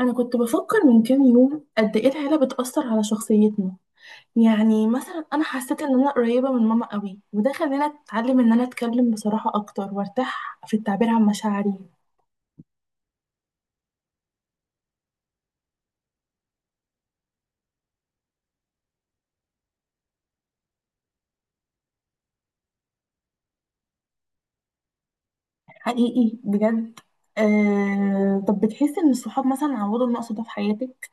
أنا كنت بفكر من كام يوم قد إيه العيلة بتأثر على شخصيتنا. يعني مثلا أنا حسيت إن أنا قريبة من ماما قوي، وده خلاني أتعلم إن أنا أتكلم بصراحة أكتر وأرتاح في التعبير عن مشاعري. حقيقي بجد. طب بتحسي إن الصحاب مثلا عوضوا النقص ده في حياتك؟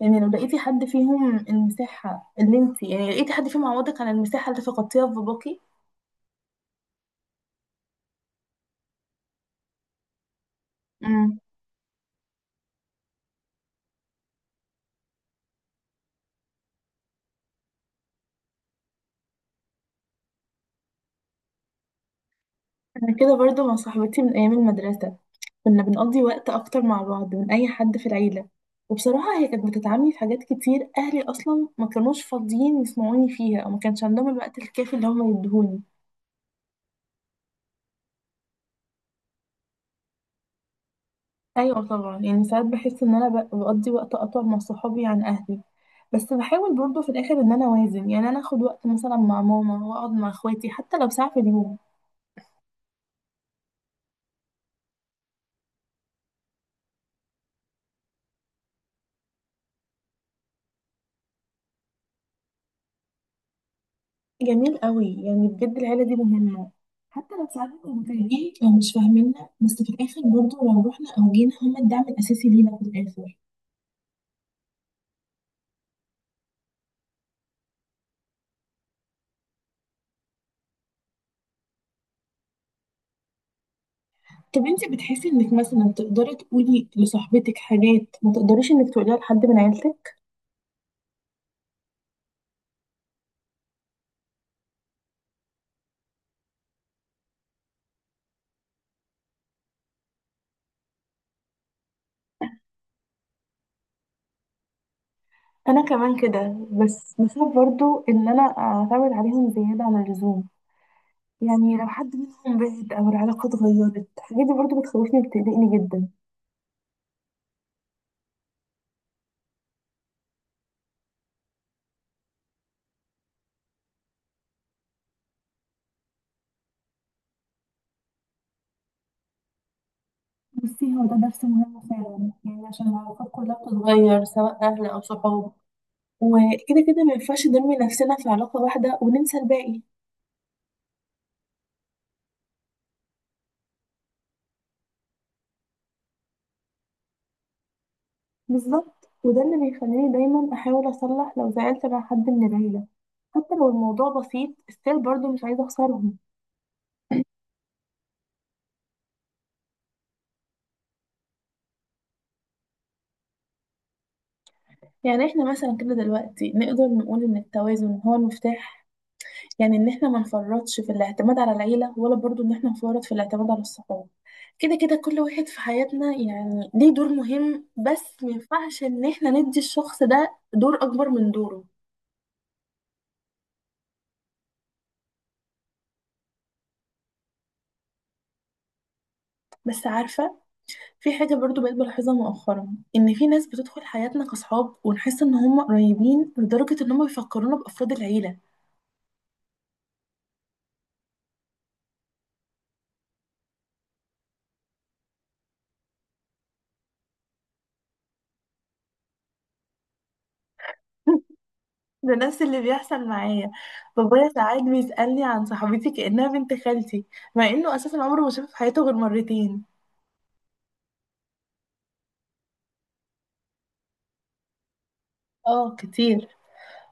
يعني لو لقيتي حد فيهم المساحة اللي انت، يعني لقيتي حد فيهم عوضك عن المساحة اللي فقدتيها في باباكي؟ أمم. أنا كده برضو مع صاحبتي من أيام المدرسة، كنا بنقضي وقت أكتر مع بعض من أي حد في العيلة، وبصراحة هي كانت بتدعمني في حاجات كتير أهلي أصلا ما كانوش فاضيين يسمعوني فيها، أو ما كانش عندهم الوقت الكافي اللي هما يدهوني. أيوة طبعا، يعني ساعات بحس إن أنا بقضي وقت أطول مع صحابي عن أهلي، بس بحاول برضه في الآخر إن أنا أوازن، يعني أنا أخد وقت مثلا مع ماما وأقعد مع إخواتي حتى لو ساعة في اليوم. جميل قوي، يعني بجد العيلة دي مهمة، حتى لو ساعات كانوا متضايقين أو مش فاهميننا، بس في الآخر برضه لو رحنا أو جينا هما الدعم الأساسي لينا في الآخر. طب انت بتحسي انك مثلا تقدري تقولي لصاحبتك حاجات ما تقدريش انك تقوليها لحد من عيلتك؟ انا كمان كده، بس بخاف برضو ان انا اعتمد عليهم زياده عن اللزوم، يعني لو حد منهم بعد او العلاقه اتغيرت، الحاجات دي برضو بتخوفني وبتقلقني جدا. بصي، هو ده درس مهم فعلا، يعني عشان العلاقات كلها بتتغير سواء اهل او صحاب، وكده كده ما ينفعش نرمي نفسنا في علاقه واحده وننسى الباقي. بالظبط، وده اللي بيخليني دايما احاول اصلح لو زعلت مع حد من العيله، حتى لو الموضوع بسيط استيل برضه مش عايزه اخسرهم. يعني احنا مثلا كده دلوقتي نقدر نقول ان التوازن هو المفتاح، يعني ان احنا ما نفرطش في الاعتماد على العيلة، ولا برضو ان احنا نفرط في الاعتماد على الصحاب. كده كده كل واحد في حياتنا يعني ليه دور مهم، بس ما ينفعش ان احنا ندي الشخص ده دور اكبر من دوره. بس عارفة، في حاجة برضو بقيت بلاحظها مؤخرا، إن في ناس بتدخل حياتنا كصحاب ونحس إن هم قريبين لدرجة إن هم بيفكرونا بأفراد العيلة. ده نفس اللي بيحصل معايا، بابايا ساعات بيسألني عن صاحبتي كأنها بنت خالتي، مع إنه أساسا عمره ما شافها في حياته غير مرتين. آه كتير،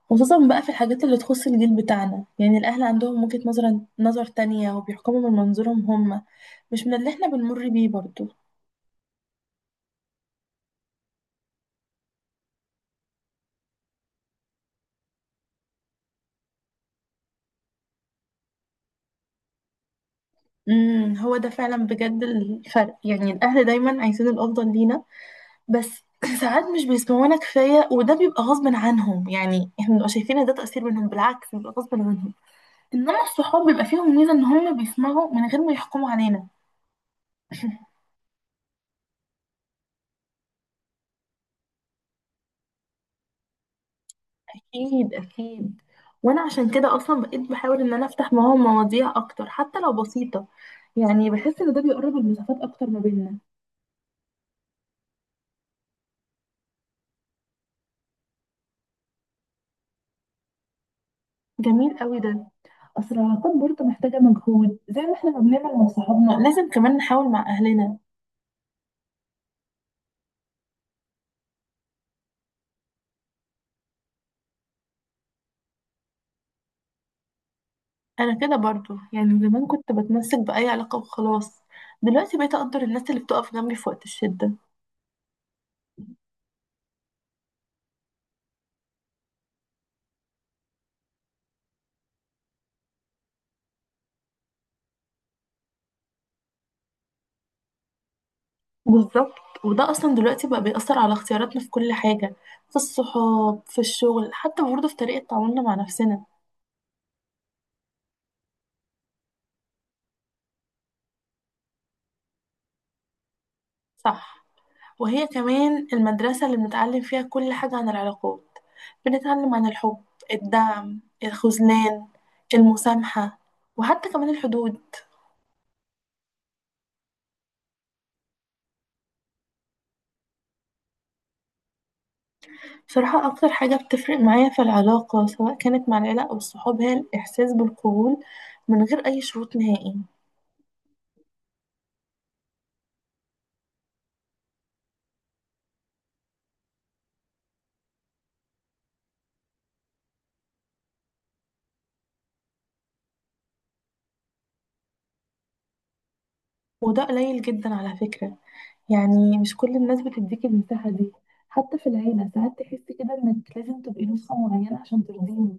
خصوصا بقى في الحاجات اللي تخص الجيل بتاعنا، يعني الأهل عندهم وجهة نظر تانية، وبيحكموا من منظورهم هم، مش من اللي إحنا بنمر بيه برضو. امم، هو ده فعلا بجد الفرق، يعني الأهل دايما عايزين الأفضل لينا، بس ساعات مش بيسمعونا كفاية، وده بيبقى غصب عنهم، يعني احنا بنبقى شايفين ان ده تأثير منهم، بالعكس بيبقى غصب عنهم. انما الصحاب بيبقى فيهم ميزة ان هم بيسمعوا من غير ما يحكموا علينا. اكيد اكيد، وانا عشان كده اصلا بقيت بحاول ان انا افتح معاهم مواضيع اكتر حتى لو بسيطة، يعني بحس ان ده بيقرب المسافات اكتر ما بيننا. جميل قوي ده، اصل العلاقات برضه محتاجة مجهود، زي ما احنا ما بنعمل مع صحابنا لازم كمان نحاول مع اهلنا. انا كده برضو، يعني زمان كنت بتمسك باي علاقه وخلاص، دلوقتي بقيت اقدر الناس اللي بتقف جنبي في وقت الشده. بالظبط، وده اصلا دلوقتي بقى بيأثر على اختياراتنا في كل حاجه، في الصحاب، في الشغل، حتى برضه في طريقه تعاملنا مع نفسنا. صح، وهي كمان المدرسه اللي بنتعلم فيها كل حاجه عن العلاقات، بنتعلم عن الحب، الدعم، الخذلان، المسامحه، وحتى كمان الحدود. بصراحة أكتر حاجة بتفرق معايا في العلاقة سواء كانت مع العيلة أو الصحاب، هي الإحساس بالقبول من غير أي شروط نهائي. وده قليل جدا على فكرة، يعني مش كل الناس بتديك المساحة دي، حتى في العيلة ساعات تحسي كده إنك لازم تبقي نسخة معينة عشان ترضيهم.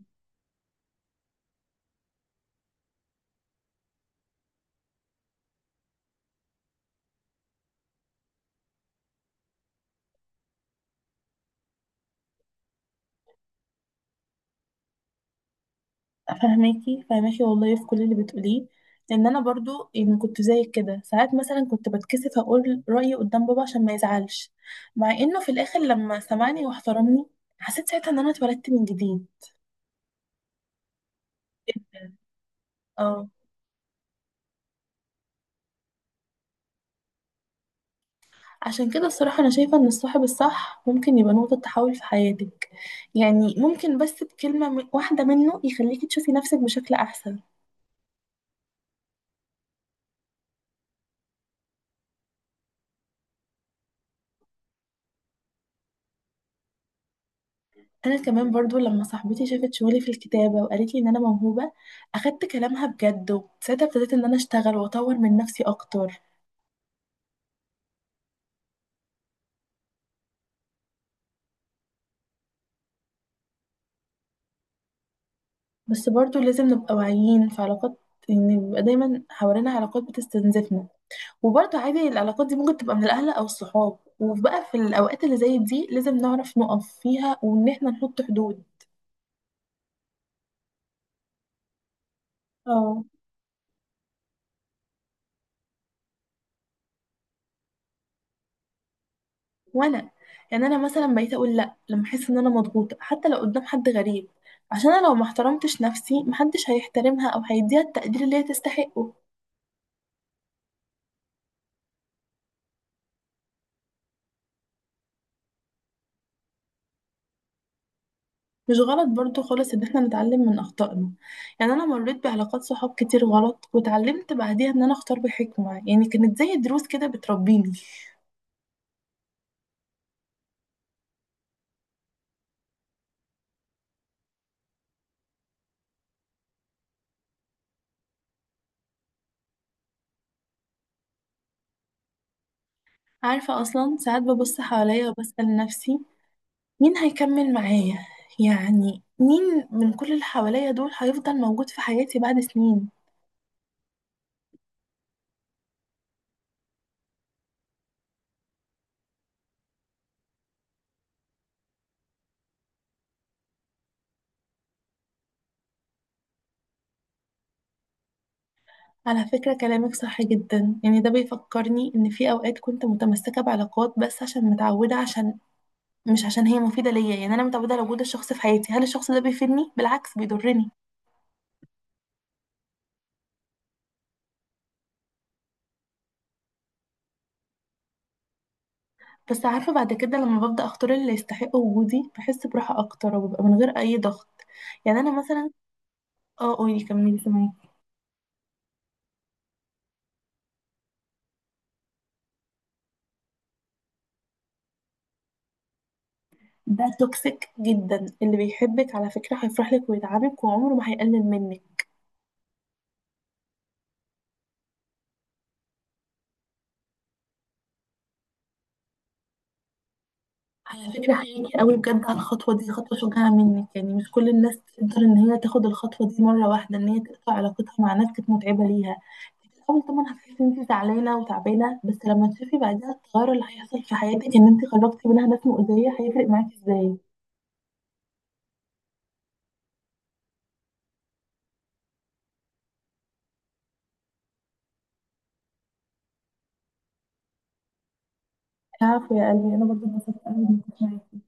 فاهماكي فاهماكي والله في كل اللي بتقوليه، لأن أنا برضو يعني كنت زيك كده. ساعات مثلا كنت بتكسف أقول رأيي قدام بابا عشان ما يزعلش، مع إنه في الآخر لما سمعني واحترمني حسيت ساعتها إن أنا اتولدت من جديد. اه. عشان كده الصراحة أنا شايفة إن الصاحب الصح ممكن يبقى نقطة تحول في حياتك، يعني ممكن بس بكلمة واحدة منه يخليكي تشوفي نفسك بشكل أحسن. أنا كمان برضو لما صاحبتي شافت شغلي في الكتابة وقالت لي إن أنا موهوبة، أخدت كلامها بجد، وساعتها ابتديت إن أنا أشتغل وأطور من نفسي أكتر. بس برضو لازم نبقى واعيين في علاقات، إن بيبقى دايما حوالينا علاقات بتستنزفنا، وبرضه عادي العلاقات دي ممكن تبقى من الأهل أو الصحاب، وبقى في الأوقات اللي زي دي لازم نعرف نقف فيها، وإن احنا نحط حدود. اه. وأنا، يعني أنا مثلا بقيت أقول لأ لما أحس إن أنا مضغوطة، حتى لو قدام حد غريب، عشان أنا لو ما احترمتش نفسي محدش هيحترمها أو هيديها التقدير اللي هي تستحقه. مش غلط برضه خالص إن احنا نتعلم من أخطائنا، يعني أنا مريت بعلاقات صحاب كتير غلط واتعلمت بعديها إن أنا أختار بحكمة، يعني كانت زي دروس كده بتربيني. عارفة أصلا ساعات ببص حواليا وبسأل نفسي، مين هيكمل معايا، يعني مين من كل اللي حواليا دول هيفضل موجود في حياتي بعد سنين. على فكرة كلامك صح جدا، يعني ده بيفكرني إن في أوقات كنت متمسكة بعلاقات بس عشان متعودة، عشان مش عشان هي مفيدة ليا، يعني أنا متعودة على وجود الشخص في حياتي. هل الشخص ده بيفيدني؟ بالعكس بيضرني. بس عارفة بعد كده لما ببدأ أختار اللي يستحق وجودي بحس براحة أكتر، وببقى من غير أي ضغط. يعني أنا مثلا. اه قولي كملي سامعاكي. ده توكسيك جدا، اللي بيحبك على فكرة هيفرح لك ويدعمك، وعمره ما هيقلل منك. على فكرة حقيقي قوي بجد على الخطوة دي، خطوة شجاعة منك، يعني مش كل الناس تقدر ان هي تاخد الخطوة دي مرة واحدة، ان هي تقطع علاقتها مع ناس كانت متعبة ليها. في الأول طبعا هتحسي ان انت زعلانة وتعبانة، بس لما تشوفي بعدها التغير اللي هيحصل في حياتك ان انت خرجتي منها ناس مؤذية، هيفرق معاكي ازاي. عفوا يا قلبي، انا برضه اتبسطت قوي إني كنت معاكي.